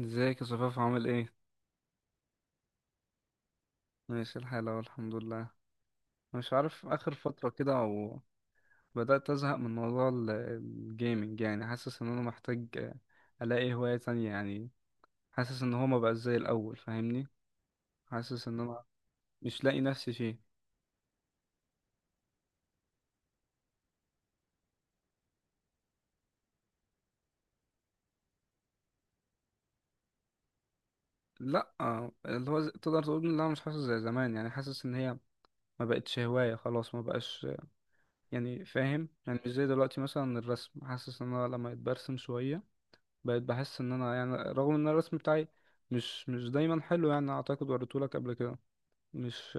ازيك يا صفاف، عامل ايه؟ ماشي الحال اهو، الحمد لله. مش عارف، اخر فتره كده او بدات ازهق من موضوع الجيمنج. يعني حاسس ان انا محتاج، الاقي هوايه تانية يعني. حاسس ان هو ما بقى زي الاول، فاهمني؟ حاسس ان انا مش لاقي نفسي فيه. لا، اللي هو تقدر تقول ان انا مش حاسس زي زمان، يعني حاسس ان هي ما بقتش هوايه خلاص، ما بقاش يعني فاهم. يعني مش زي دلوقتي مثلا الرسم، حاسس ان انا لما اتبرسم شويه بقيت بحس ان انا، يعني رغم ان الرسم بتاعي مش دايما حلو يعني، اعتقد وريتهولك قبل كده. مش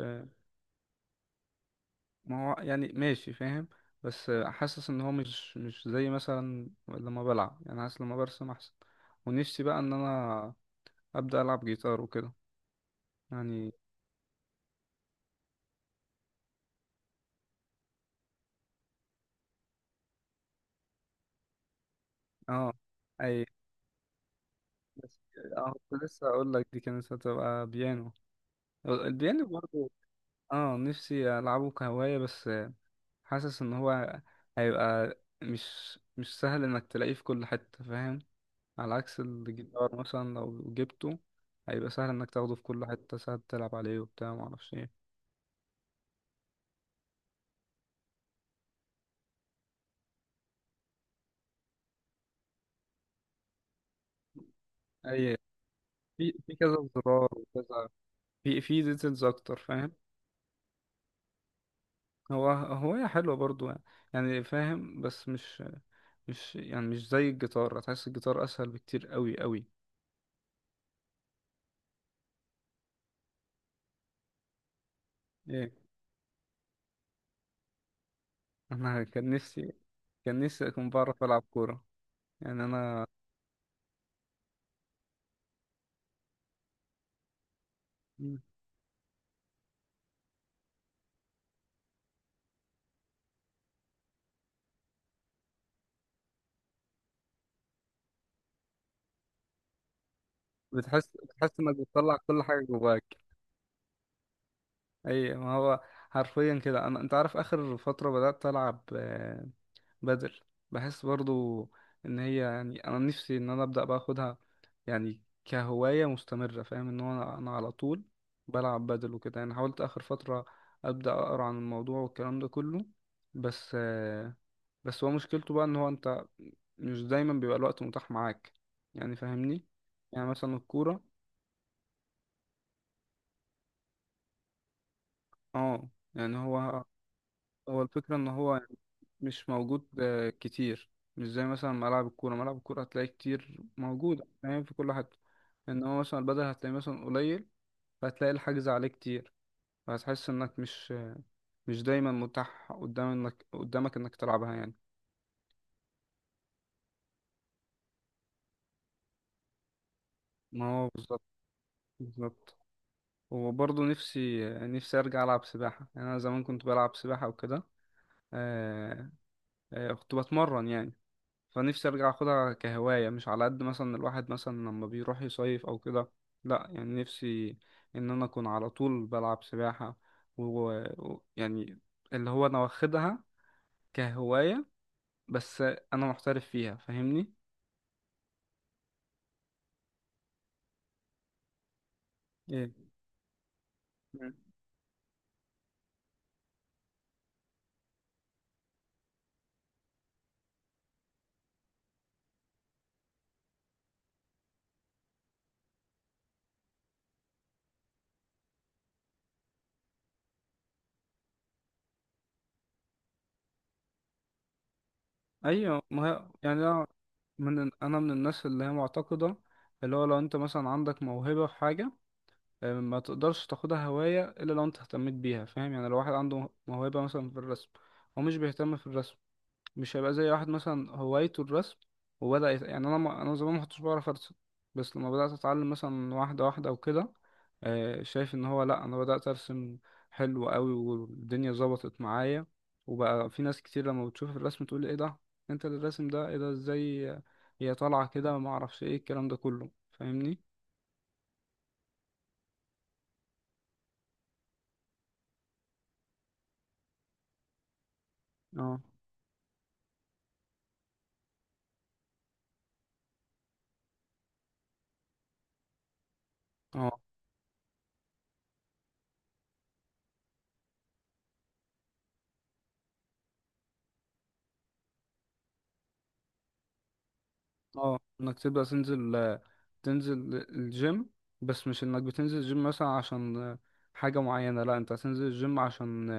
ما هو يعني ماشي فاهم. بس حاسس ان هو مش زي مثلا لما بلعب، يعني حاسس لما برسم احسن. ونفسي بقى ان انا ابدا العب جيتار وكده يعني. اه. اي. بس اه، كنت لسه اقول لك دي كانت هتبقى بيانو. البيانو برضه. اه، نفسي العبه كهواية بس. حاسس ان هو هيبقى مش سهل انك تلاقيه في كل حتة فاهم. على عكس الجيتار مثلا، لو جبته هيبقى سهل انك تاخده في كل حتة، سهل تلعب عليه وبتاع معرفش ايه. اي، في كذا زرار وكذا، في ديتيلز اكتر فاهم. هو هواية حلوة برضو يعني، يعني فاهم. بس مش يعني مش زي الجيتار، هتحس الجيتار اسهل بكتير قوي قوي. ايه. انا كان نفسي، اكون بعرف العب كورة يعني انا. بتحس انك بتطلع كل حاجة جواك. اي ما هو، حرفيا كده انا، انت عارف اخر فترة بدأت العب بدل. بحس برضو ان هي، يعني انا نفسي ان انا ابدأ باخدها يعني كهواية مستمرة فاهم. ان هو انا على طول بلعب بدل وكده. يعني حاولت اخر فترة ابدأ اقرا عن الموضوع والكلام ده كله، بس بس هو مشكلته بقى ان هو انت مش دايما بيبقى الوقت متاح معاك يعني، فاهمني؟ يعني مثلا الكورة. اه، يعني هو الفكرة إن هو يعني مش موجود كتير. مش زي مثلا ملعب الكورة، ملعب الكورة هتلاقي كتير موجود فاهم في كل حتة. إن هو مثلا البدل هتلاقي مثلا قليل، فهتلاقي الحجز عليه كتير، فهتحس إنك مش دايما متاح قدام، إنك قدامك إنك تلعبها يعني. ما هو بالظبط. بالظبط. وبرضه نفسي أرجع ألعب سباحة. يعني أنا زمان كنت بلعب سباحة وكده، آه، كنت بتمرن يعني. فنفسي ارجع اخدها كهواية، مش على قد مثلا الواحد مثلا لما بيروح يصيف او كده، لا يعني نفسي ان انا اكون على طول بلعب سباحة، ويعني اللي هو انا واخدها كهواية، بس انا محترف فيها فاهمني. ايه. مم. ايوه ما هي يعني انا، انا من الناس اللي هي معتقدة، اللي هو لو انت مثلا عندك موهبة في حاجة، ما تقدرش تاخدها هواية الا لو انت اهتميت بيها فاهم. يعني لو واحد عنده موهبة مثلا في الرسم، هو مش بيهتم في الرسم، مش هيبقى زي واحد مثلا هوايته الرسم وبدأ يعني انا، ما... انا زمان ما كنتش بعرف ارسم. بس لما بدأت اتعلم مثلا واحدة واحدة وكده، شايف ان هو، لا، انا بدأت ارسم حلو قوي والدنيا ظبطت معايا. وبقى في ناس كتير لما بتشوف الرسم تقول لي: ايه ده؟ انت اللي الرسم ده، ايه ده؟ ازاي هي طالعة كده؟ ما اعرفش ايه الكلام ده كله، فاهمني؟ اه، اه، اه، انك تبدأ تنزل الجيم. بس مش انك بتنزل الجيم مثلا عشان حاجة معينة، لا، انت هتنزل الجيم عشان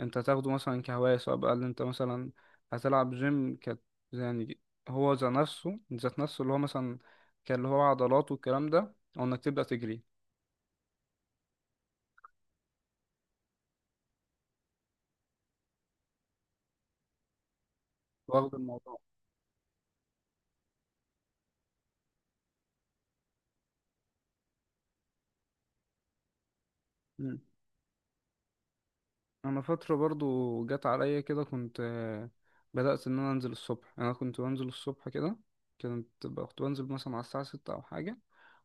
انت تاخده مثلا كهواية، سواء بقى اللي انت مثلا هتلعب جيم كت يعني، هو ذات نفسه اللي هو مثلا كان اللي هو عضلات والكلام ده، او انك تبدأ تجري. واخد الموضوع. مم. انا فترة برضو جت عليا كده كنت بدأت ان انا انزل الصبح. انا كنت بنزل الصبح كده، كنت بنزل مثلا على الساعة 6 او حاجة،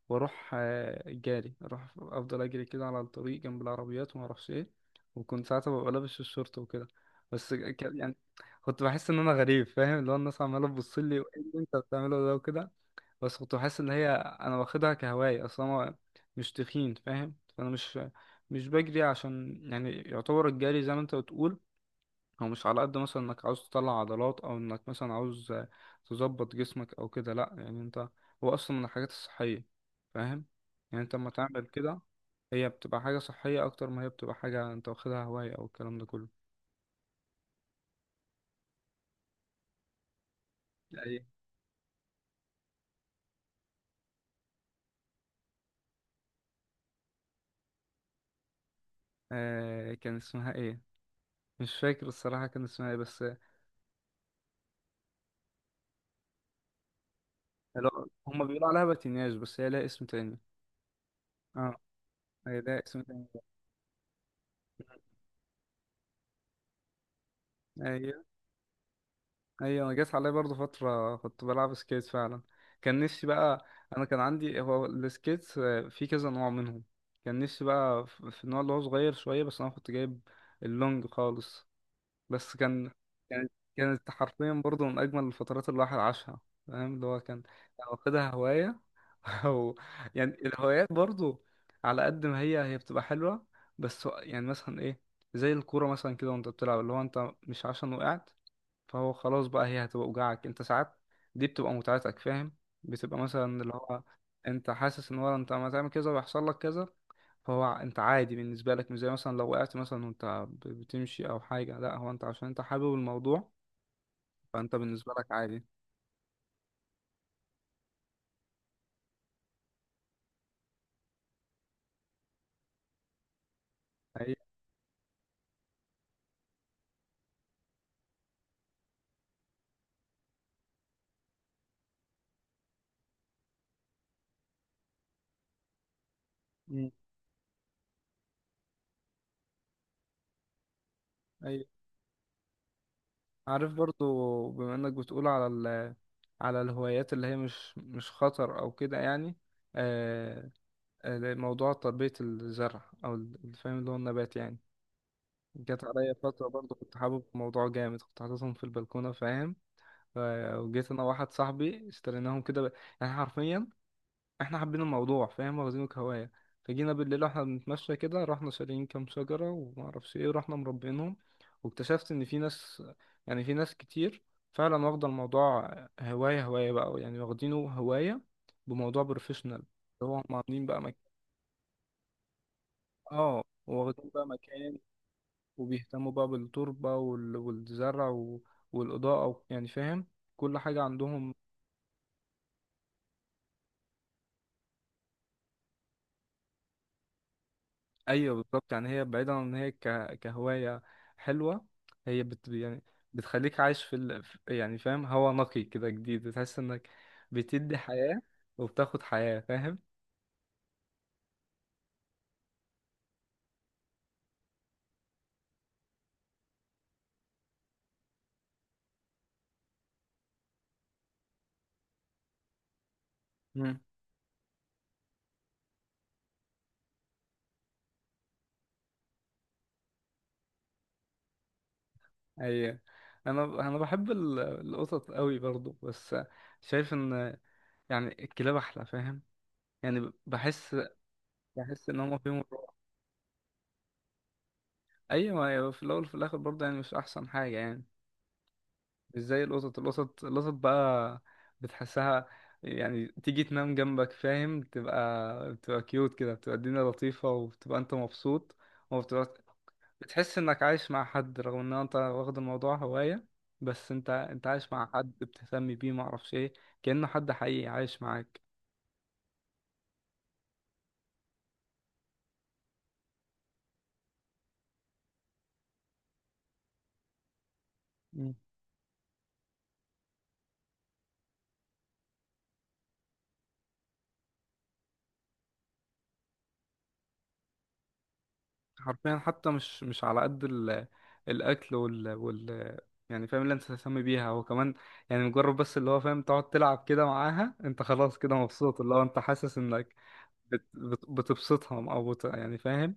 واروح جاري، اروح افضل اجري كده على الطريق جنب العربيات وما اعرفش ايه. وكنت ساعتها ببقى لابس الشورت وكده. بس يعني كنت بحس ان انا غريب فاهم، اللي هو الناس عماله تبص لي، وايه اللي انت بتعمله ده وكده. بس كنت بحس ان هي، انا واخدها كهوايه اصلا، انا مش تخين فاهم، فانا مش بجري عشان يعني يعتبر الجري زي ما انت بتقول، هو مش على قد مثلا انك عاوز تطلع عضلات او انك مثلا عاوز تظبط جسمك او كده. لا يعني انت، هو اصلا من الحاجات الصحية فاهم. يعني انت لما تعمل كده هي بتبقى حاجة صحية اكتر ما هي بتبقى حاجة انت واخدها هواية او الكلام ده كله. ايوه. كان اسمها ايه، مش فاكر الصراحة كان اسمها ايه بس، لا هما بيقولوا عليها باتيناج بس هي لها اسم تاني. اه، هي لها اسم تاني. ايوه، ايوه، جت عليا برضو فتره كنت بلعب سكيت فعلا. كان نفسي بقى، انا كان عندي هو السكيت في كذا نوع منهم. كان نفسي بقى في النوع اللي هو صغير شويه، بس انا كنت جايب اللونج خالص. بس كان، كانت حرفيا برضو من اجمل الفترات اللي الواحد عاشها. فاهم، اللي هو كان، واخدها هوايه او يعني. الهوايات برضو، على قد ما هي بتبقى حلوه، بس يعني مثلا ايه، زي الكوره مثلا كده وانت بتلعب، اللي هو انت مش عشان وقعت فهو خلاص بقى هي هتبقى وجعك انت ساعات، دي بتبقى متعتك فاهم. بتبقى مثلا اللي هو، انت حاسس ان هو انت ما تعمل كذا ويحصل لك كذا، فهو انت عادي بالنسبه لك، مش زي مثلا لو وقعت مثلا وانت بتمشي او حاجه، لا، هو انت عشان انت حابب الموضوع فانت بالنسبه لك عادي. اي، اي. عارف برضو بما انك بتقول على، على الهوايات اللي هي مش خطر او كده يعني، آه موضوع تربيه الزرع او فاهم اللي هو النبات يعني. جت عليا فترة برضه كنت حابب الموضوع جامد، كنت حاططهم في البلكونة فاهم. ف- وجيت أنا وواحد صاحبي اشتريناهم كده، يعني حرفيا احنا حابين الموضوع فاهم، واخدينه كهواية. فجينا بالليل واحنا بنتمشى كده، رحنا شاريين كام شجرة ومعرفش ايه، ورحنا مربينهم. واكتشفت إن في ناس، يعني في ناس كتير فعلا واخدة الموضوع هواية، هواية بقى يعني، واخدينه هواية بموضوع بروفيشنال، اللي هو هم عاملين بقى مكان. اه، واخدين بقى مكان، وبيهتموا بقى بالتربة والزرع والإضاءة يعني فاهم كل حاجة عندهم. أيوة بالظبط، يعني هي بعيدا عن إن هي كهواية حلوة. هي يعني بتخليك عايش في يعني فاهم، هوا نقي كده جديد، بتحس إنك بتدي حياة وبتاخد حياة فاهم. مم. أيوة، أنا بحب القطط قوي برضو، بس شايف إن، يعني الكلاب أحلى فاهم. يعني بحس إن هما فيهم. ايوه ما هي في الاول وفي الاخر برضه يعني مش احسن حاجه يعني، مش زي القطط. القطط القطط بقى بتحسها، يعني تيجي تنام جنبك فاهم، تبقى بتبقى كيوت كده، بتبقى الدنيا لطيفه وبتبقى انت مبسوط وبتبقى، بتحس انك عايش مع حد رغم ان انت واخد الموضوع هوايه، بس انت عايش مع حد بتهتم بيه معرفش ايه، كأنه حد حقيقي عايش معاك. حرفيا، حتى مش على قد الاكل وال... وال يعني فاهم اللي انت تهتم بيها هو كمان. يعني مجرد بس، اللي هو فاهم تقعد تلعب كده معاها، انت خلاص كده مبسوط، اللي هو انت حاسس انك بتبسطها او يعني فاهم.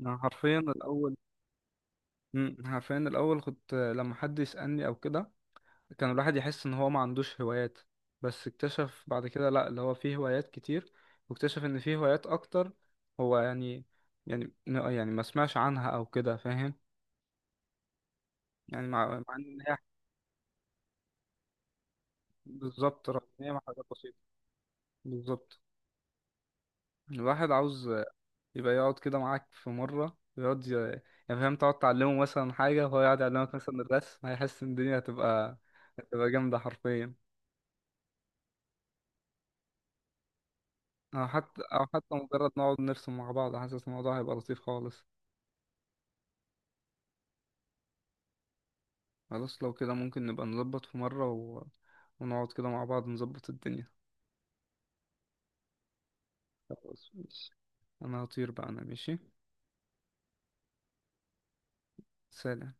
أنا حرفيا الاول، مم، حرفيا الاول كنت لما حد يسألني او كده كان الواحد يحس ان هو ما عندوش هوايات، بس اكتشف بعد كده لا، اللي هو فيه هوايات كتير، واكتشف ان فيه هوايات اكتر، هو يعني، ما سمعش عنها او كده فاهم. يعني مع ان هي، بالظبط، رغم ان هي مع حاجات بسيطة. بالظبط، الواحد عاوز يبقى يقعد كده معاك في مرة، يقعد يعني فاهم، تقعد تعلمه مثلا حاجة وهو يقعد يعلمك مثلا الرسم، هيحس ان الدنيا هتبقى، جامدة حرفيا. أو حتى مجرد نقعد نرسم مع بعض، حاسس الموضوع هيبقى لطيف خالص. خلاص، لو كده ممكن نبقى نظبط في مرة و... ونقعد كده مع بعض نظبط الدنيا. خلاص ماشي. أنا هطير بقى، أنا ماشي. سلام.